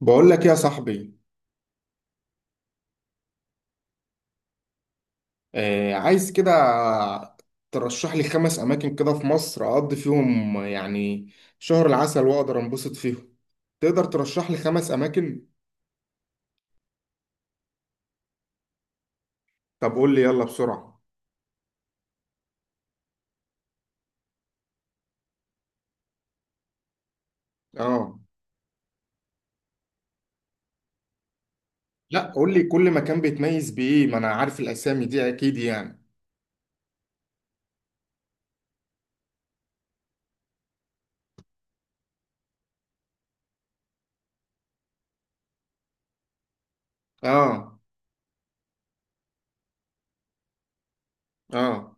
بقول لك يا صاحبي، آه عايز كده. ترشح لي خمس اماكن كده في مصر اقضي فيهم يعني شهر العسل، واقدر انبسط فيهم. تقدر ترشح لي خمس اماكن؟ طب قول لي يلا بسرعة. اه. لا، قول لي كل مكان بيتميز بايه، ما انا عارف الاسامي دي اكيد يعني. اه، اه،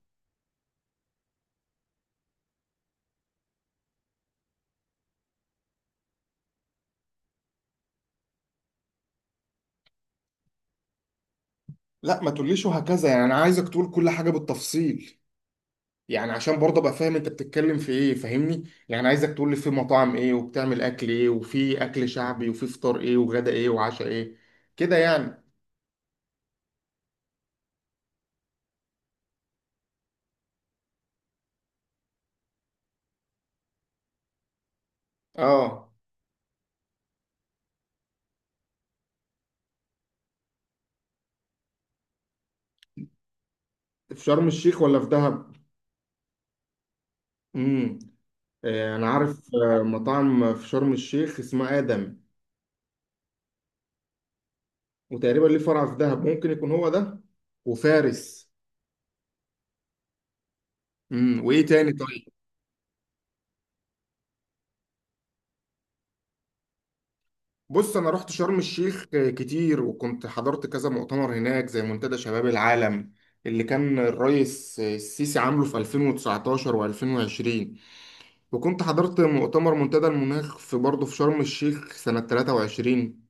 لا ما تقوليش وهكذا، يعني انا عايزك تقول كل حاجة بالتفصيل، يعني عشان برضه ابقى فاهم انت بتتكلم في ايه، فاهمني؟ يعني عايزك تقول لي في مطاعم ايه وبتعمل اكل ايه وفي اكل شعبي وفي فطار ايه وغدا ايه وعشاء ايه، كده يعني. اه. في شرم الشيخ ولا في دهب؟ امم. آه، انا عارف مطعم في شرم الشيخ اسمه ادم، وتقريبا ليه فرع في دهب، ممكن يكون هو ده، وفارس. وايه تاني، طيب؟ بص، انا رحت شرم الشيخ كتير، وكنت حضرت كذا مؤتمر هناك زي منتدى شباب العالم اللي كان الرئيس السيسي عامله في 2019 و2020، وكنت حضرت مؤتمر منتدى المناخ في برضه في شرم الشيخ سنة 23.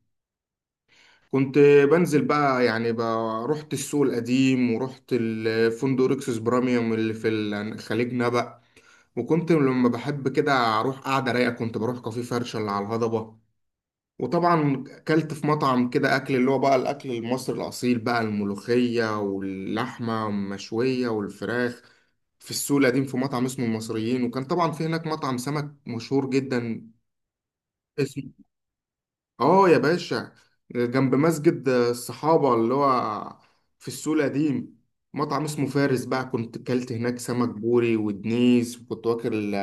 كنت بنزل بقى يعني بقى رحت السوق القديم ورحت الفندق ريكسوس براميوم اللي في خليج نبأ. وكنت لما بحب كده اروح قاعدة رايقة كنت بروح كافيه فرشة اللي على الهضبة. وطبعا اكلت في مطعم كده اكل اللي هو بقى الاكل المصري الاصيل بقى، الملوخيه واللحمه المشويه والفراخ، في السوق القديم في مطعم اسمه المصريين. وكان طبعا في هناك مطعم سمك مشهور جدا اسمه اه يا باشا، جنب مسجد الصحابه اللي هو في السوق القديم، مطعم اسمه فارس بقى، كنت اكلت هناك سمك بوري ودنيس، وكنت واكل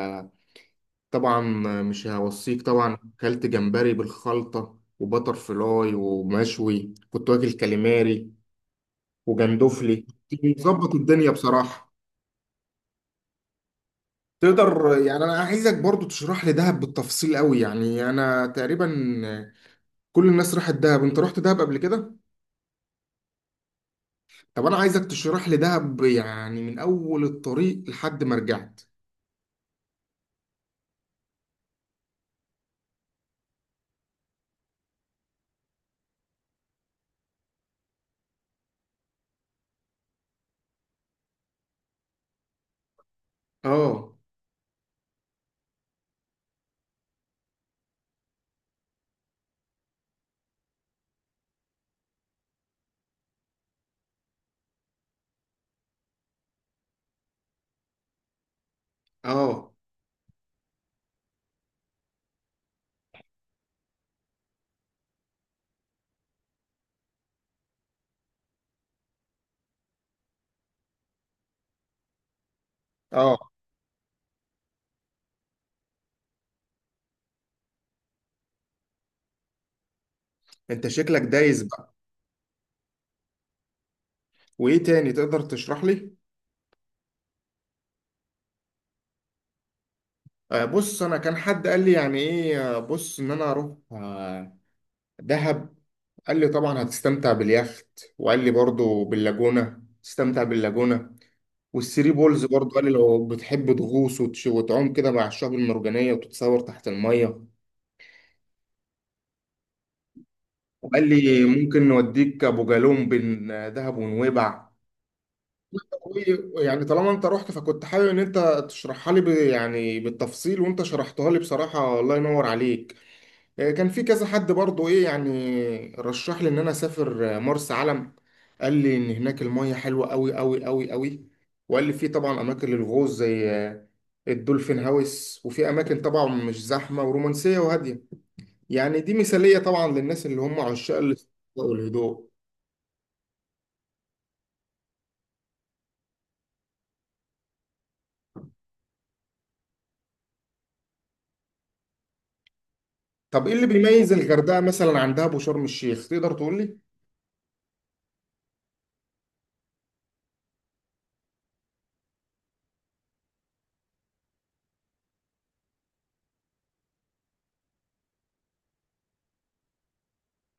طبعا، مش هوصيك، طبعا اكلت جمبري بالخلطة وبتر فلاي ومشوي، كنت واكل كاليماري وجندفلي. مظبط الدنيا بصراحة. تقدر يعني انا عايزك برضو تشرح لي دهب بالتفصيل قوي، يعني انا تقريبا كل الناس راحت دهب، انت رحت دهب قبل كده؟ طب انا عايزك تشرح لي دهب يعني من اول الطريق لحد ما رجعت. اه، اه، اه، انت شكلك دايس بقى. وايه تاني تقدر تشرح لي؟ بص، انا كان حد قال لي يعني ايه، بص ان انا اروح دهب. قال لي طبعا هتستمتع باليخت، وقال لي برضو باللاجونة تستمتع باللاجونة، والثري بولز برضو قال لي لو بتحب تغوص وتعوم كده مع الشعاب المرجانية وتتصور تحت المية. وقال لي ممكن نوديك ابو جالوم بين دهب ونويبع. يعني طالما انت رحت، فكنت حابب ان انت تشرحها لي يعني بالتفصيل، وانت شرحتها لي بصراحة، الله ينور عليك. كان في كذا حد برضو ايه يعني رشح لي ان انا اسافر مرسى علم. قال لي ان هناك المية حلوة قوي قوي قوي قوي، وقال لي في طبعا اماكن للغوص زي الدولفين هاوس، وفي اماكن طبعا مش زحمة ورومانسية وهادية. يعني دي مثالية طبعا للناس اللي هم عشاق الاسترخاء والهدوء. طب ايه اللي بيميز الغردقة مثلا عن دهب وشرم الشيخ، تقدر تقول لي؟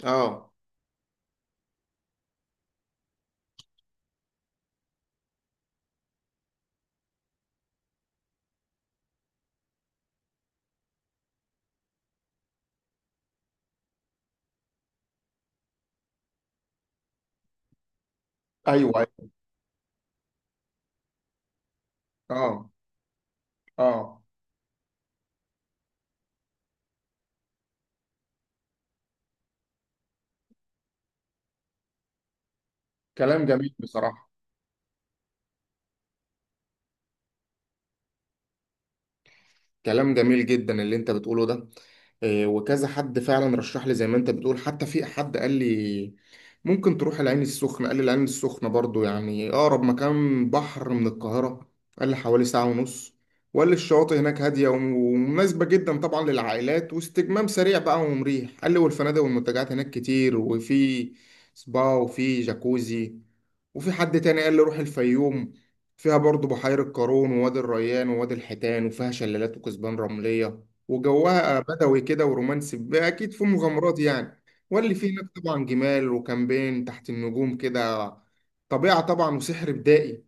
اه، ايوه، أيوة. اه، اه، كلام جميل بصراحة. كلام جميل جدا اللي انت بتقوله ده. وكذا حد فعلا رشح لي زي ما انت بتقول، حتى في حد قال لي ممكن تروح العين السخنة، قال لي العين السخنة برضو يعني أقرب مكان بحر من القاهرة، قال لي حوالي ساعة ونص، وقال لي الشواطئ هناك هادية ومناسبة جدا طبعا للعائلات واستجمام سريع بقى ومريح، قال لي والفنادق والمنتجعات هناك كتير، وفي سبا وفي جاكوزي. وفي حد تاني قال لي روح الفيوم، فيها برضو بحيرة قارون ووادي الريان ووادي الحيتان، وفيها شلالات وكثبان رملية، وجوها بدوي كده ورومانسي، أكيد فيه مغامرات يعني، واللي فيه هناك طبعا جمال وكامبين تحت النجوم كده، طبيعة طبعا وسحر بدائي.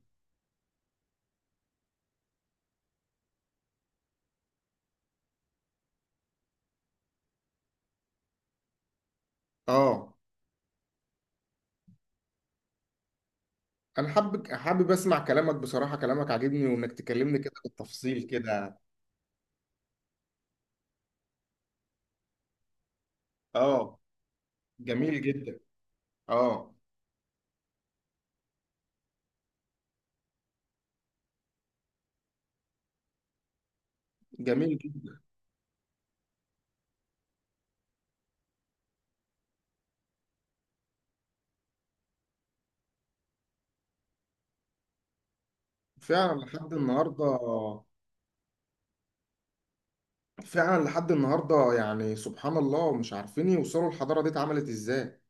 اه، أنا حابب حابب أسمع كلامك بصراحة، كلامك عاجبني وإنك تكلمني كده بالتفصيل كده. اه، جميل جدا. اه، جميل جدا، فعلا لحد النهاردة. فعلا لحد النهارده، يعني سبحان الله مش عارفين يوصلوا الحضاره دي اتعملت ازاي.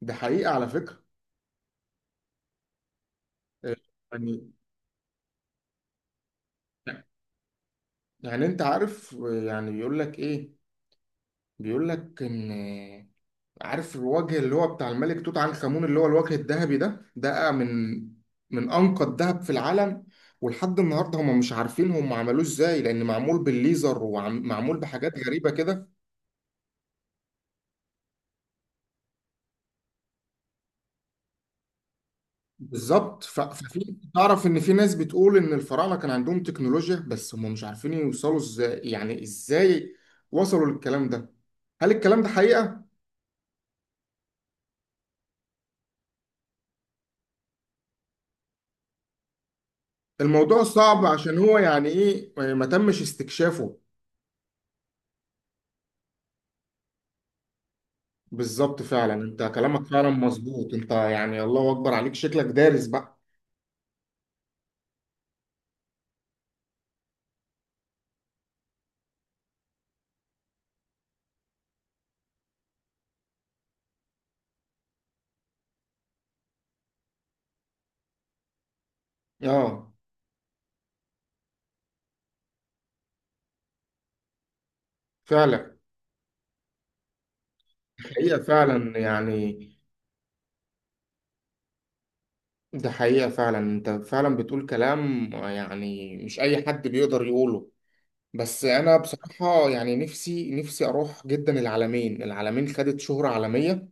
ده حقيقه على فكره. آه، يعني يعني انت عارف يعني بيقول لك ايه؟ بيقول لك ان، عارف الوجه اللي هو بتاع الملك توت عنخ آمون اللي هو الوجه الذهبي ده من انقى الذهب في العالم، ولحد النهارده هم مش عارفين هم عملوه ازاي، لان معمول بالليزر ومعمول بحاجات غريبه كده. بالظبط، ففي تعرف ان في ناس بتقول ان الفراعنه كان عندهم تكنولوجيا، بس هم مش عارفين يوصلوا ازاي، يعني ازاي وصلوا للكلام ده؟ هل الكلام ده حقيقه؟ الموضوع صعب عشان هو يعني ايه، يعني ما تمش استكشافه. بالظبط، فعلا انت كلامك فعلا مظبوط، انت يعني الله اكبر عليك، شكلك دارس بقى. اه، فعلا، حقيقه فعلا يعني. ده حقيقه فعلا، انت فعلا بتقول كلام يعني مش اي حد بيقدر يقوله. بس انا بصراحه يعني نفسي نفسي اروح جدا العالمين، العالمين خدت شهره عالميه.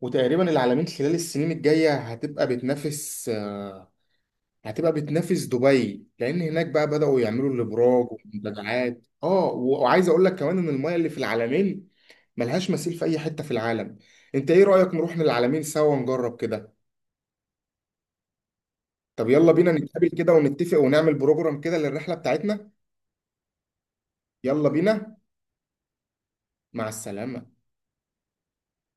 وتقريبا العالمين خلال السنين الجايه هتبقى بتنافس دبي، لان هناك بقى بداوا يعملوا الابراج والمنتجعات. وعايز اقول لك كمان ان المايه اللي في العالمين ملهاش مثيل في اي حته في العالم. انت ايه رايك، نروح للعالمين سوا ونجرب كده؟ طب يلا بينا نتقابل كده ونتفق ونعمل بروجرام كده للرحله بتاعتنا. يلا بينا. مع السلامه.